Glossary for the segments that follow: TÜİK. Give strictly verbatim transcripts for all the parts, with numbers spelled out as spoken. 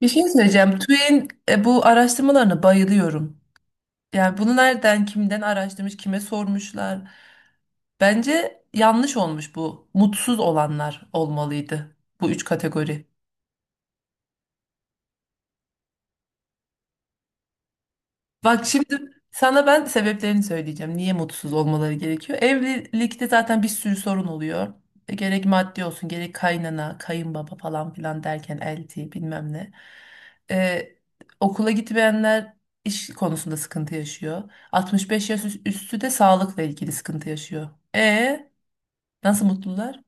Bir şey söyleyeceğim. TÜİK'in e, bu araştırmalarına bayılıyorum. Yani bunu nereden, kimden araştırmış, kime sormuşlar. Bence yanlış olmuş bu. Mutsuz olanlar olmalıydı bu üç kategori. Bak şimdi sana ben sebeplerini söyleyeceğim. Niye mutsuz olmaları gerekiyor? Evlilikte zaten bir sürü sorun oluyor. E, Gerek maddi olsun, gerek kaynana, kayınbaba falan filan derken elti bilmem ne. E, Okula gitmeyenler iş konusunda sıkıntı yaşıyor. altmış beş yaş üs- üstü de sağlıkla ilgili sıkıntı yaşıyor. E Nasıl mutlular?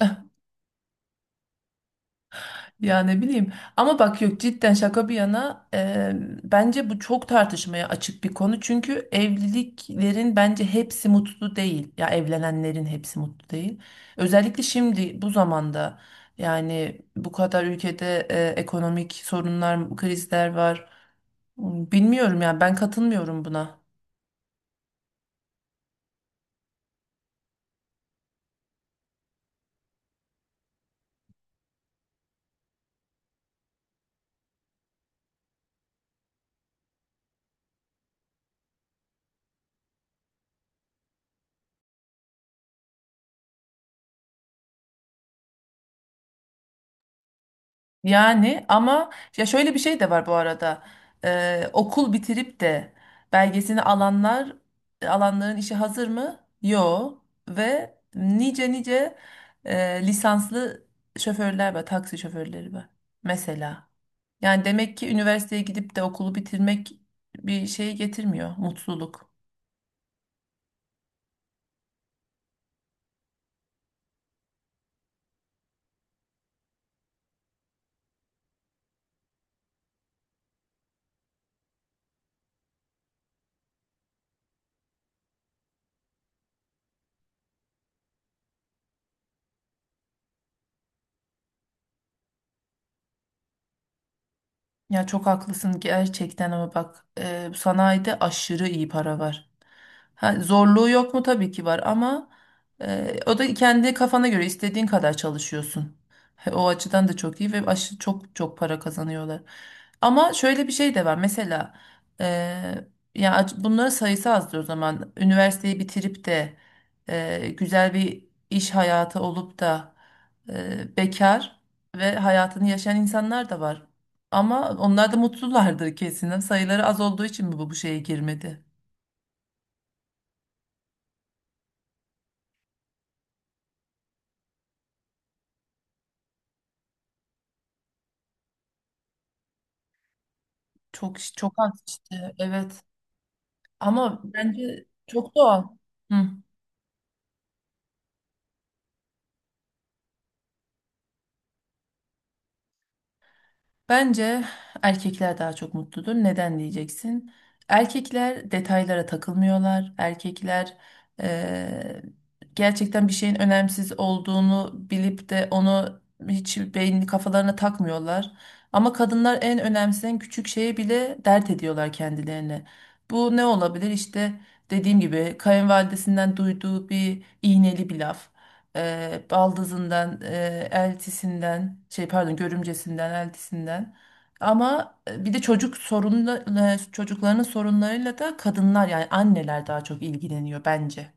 Ya ne bileyim, ama bak yok, cidden şaka bir yana, eee, bence bu çok tartışmaya açık bir konu, çünkü evliliklerin bence hepsi mutlu değil, ya evlenenlerin hepsi mutlu değil, özellikle şimdi bu zamanda. Yani bu kadar ülkede eee, ekonomik sorunlar, krizler var. Bilmiyorum yani, ben katılmıyorum buna. Yani ama ya şöyle bir şey de var bu arada. Ee, okul bitirip de belgesini alanlar, alanların işi hazır mı? Yo. Ve nice nice e, lisanslı şoförler var, taksi şoförleri var mesela. Yani demek ki üniversiteye gidip de okulu bitirmek bir şey getirmiyor, mutluluk. Ya çok haklısın gerçekten ama bak, e, sanayide aşırı iyi para var. Ha, zorluğu yok mu? Tabii ki var ama e, o da kendi kafana göre istediğin kadar çalışıyorsun. He, o açıdan da çok iyi ve aşı, çok çok para kazanıyorlar. Ama şöyle bir şey de var. Mesela e, ya ac- bunların sayısı azdır o zaman. Üniversiteyi bitirip de e, güzel bir iş hayatı olup da e, bekar ve hayatını yaşayan insanlar da var. Ama onlar da mutlulardır kesin. Sayıları az olduğu için mi bu, bu şeye girmedi? Çok çok az işte. Evet. Ama bence çok doğal. Hı. Bence erkekler daha çok mutludur. Neden diyeceksin? Erkekler detaylara takılmıyorlar. Erkekler eee, gerçekten bir şeyin önemsiz olduğunu bilip de onu hiç beynini kafalarına takmıyorlar. Ama kadınlar en önemsiz, en küçük şeye bile dert ediyorlar kendilerini. Bu ne olabilir? İşte dediğim gibi kayınvalidesinden duyduğu bir iğneli bir laf, e, baldızından, e, eltisinden, şey pardon, görümcesinden, eltisinden. Ama e, bir de çocuk sorunla, e, çocuklarının sorunlarıyla da kadınlar, yani anneler daha çok ilgileniyor bence.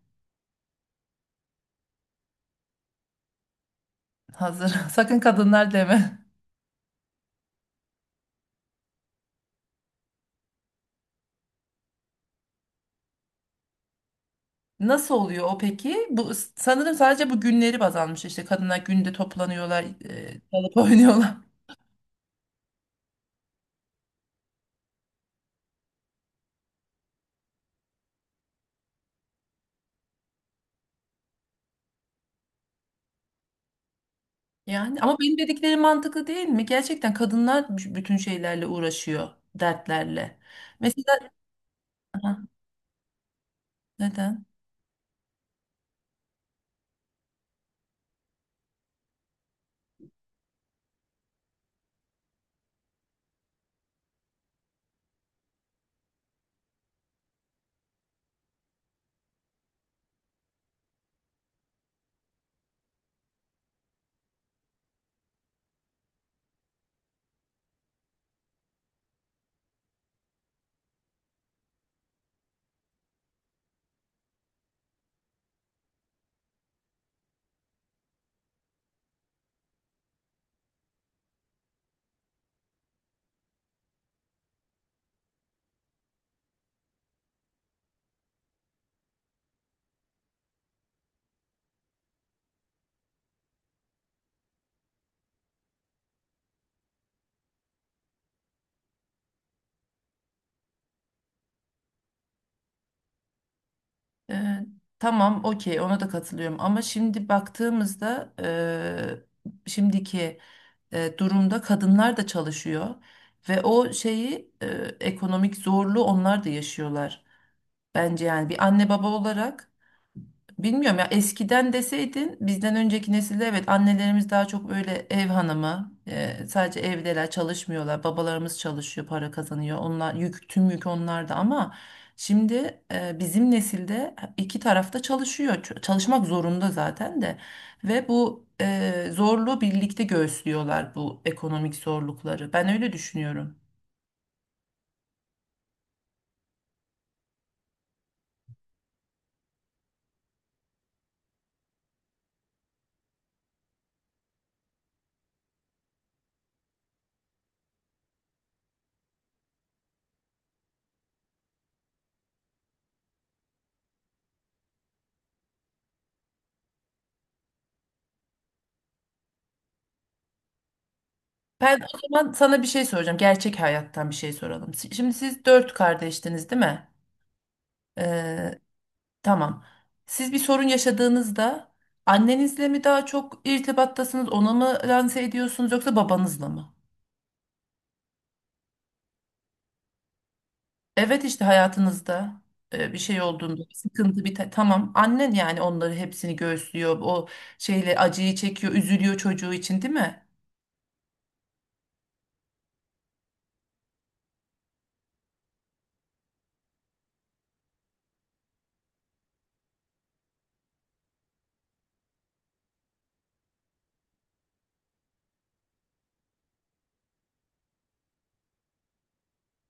Hazır. Sakın kadınlar deme. Nasıl oluyor o peki? Bu sanırım sadece bu günleri baz almış. İşte kadınlar günde toplanıyorlar, e, çalıp oynuyorlar. Yani ama benim dediklerim mantıklı değil mi? Gerçekten kadınlar b- bütün şeylerle uğraşıyor, dertlerle. Mesela aha, neden? Ee, tamam, okey, ona da katılıyorum. Ama şimdi baktığımızda e, şimdiki e, durumda kadınlar da çalışıyor ve o şeyi, e, ekonomik zorluğu onlar da yaşıyorlar. Bence yani bir anne baba olarak. Bilmiyorum ya, eskiden deseydin bizden önceki nesilde evet, annelerimiz daha çok öyle ev hanımı, e, sadece evdeler, çalışmıyorlar, babalarımız çalışıyor, para kazanıyor, onlar yük, tüm yük onlarda, ama şimdi e, bizim nesilde iki tarafta çalışıyor. Ç- çalışmak zorunda zaten de, ve bu e, zorluğu birlikte göğüslüyorlar, bu ekonomik zorlukları, ben öyle düşünüyorum. Ben o zaman sana bir şey soracağım, gerçek hayattan bir şey soralım. Si- Şimdi siz dört kardeştiniz değil mi? Ee, Tamam. Siz bir sorun yaşadığınızda annenizle mi daha çok irtibattasınız, ona mı lanse ediyorsunuz, yoksa babanızla mı? Evet, işte hayatınızda e, bir şey olduğunda, bir sıkıntı, bir te- tamam, annen yani onları hepsini göğüslüyor, o şeyle acıyı çekiyor, üzülüyor çocuğu için değil mi?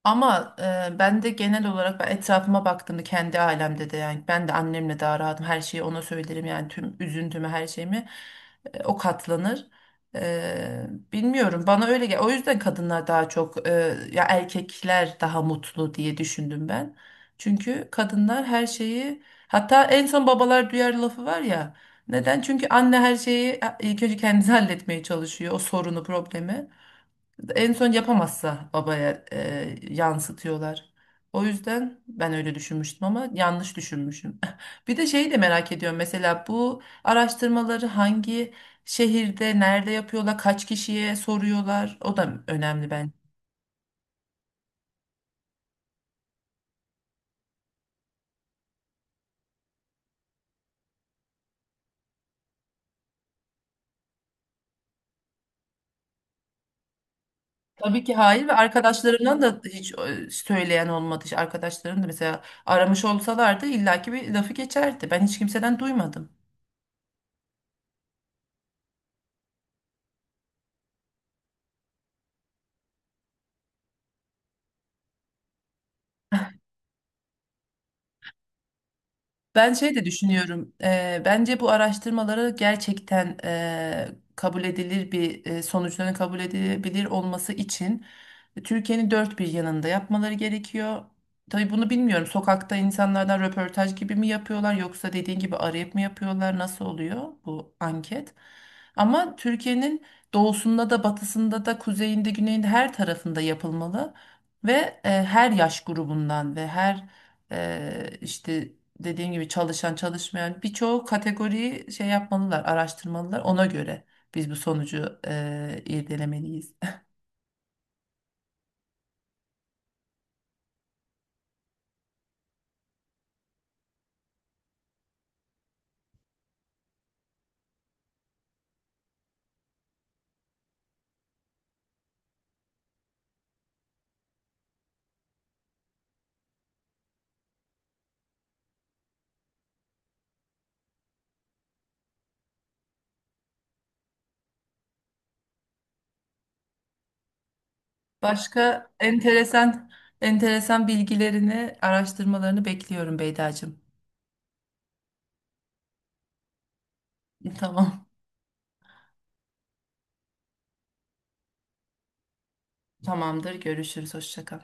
Ama e, ben de genel olarak, ben etrafıma baktığımda, kendi ailemde de, yani ben de annemle daha rahatım. Her şeyi ona söylerim, yani tüm üzüntümü, her şeyimi e, o katlanır. E, bilmiyorum, bana öyle gel. O yüzden kadınlar daha çok e, ya erkekler daha mutlu diye düşündüm ben. Çünkü kadınlar her şeyi, hatta en son babalar duyar lafı var ya. Neden? Çünkü anne her şeyi e, ilk önce kendisi halletmeye çalışıyor o sorunu, problemi. En son yapamazsa babaya e, yansıtıyorlar. O yüzden ben öyle düşünmüştüm ama yanlış düşünmüşüm. Bir de şeyi de merak ediyorum. Mesela bu araştırmaları hangi şehirde, nerede yapıyorlar, kaç kişiye soruyorlar? O da önemli ben. Tabii ki hayır, ve arkadaşlarımdan da hiç e, söyleyen olmadı. İşte arkadaşlarım da mesela aramış olsalardı illaki bir lafı geçerdi. Ben hiç kimseden duymadım. Ben şey de düşünüyorum. Eee, bence bu araştırmaları gerçekten eee, kabul edilir bir, eee, sonuçların kabul edilebilir olması için Türkiye'nin dört bir yanında yapmaları gerekiyor. Tabii bunu bilmiyorum. Sokakta insanlardan röportaj gibi mi yapıyorlar, yoksa dediğin gibi arayıp mı yapıyorlar? Nasıl oluyor bu anket? Ama Türkiye'nin doğusunda da batısında da kuzeyinde, güneyinde, her tarafında yapılmalı ve eee, her yaş grubundan ve her eee, işte dediğin gibi çalışan, çalışmayan, birçok kategoriyi şey yapmalılar, araştırmalılar. Ona göre biz bu sonucu e, irdelemeliyiz. Başka enteresan enteresan bilgilerini, araştırmalarını bekliyorum Beydacığım. Tamam. Tamamdır. Görüşürüz. Hoşça kal.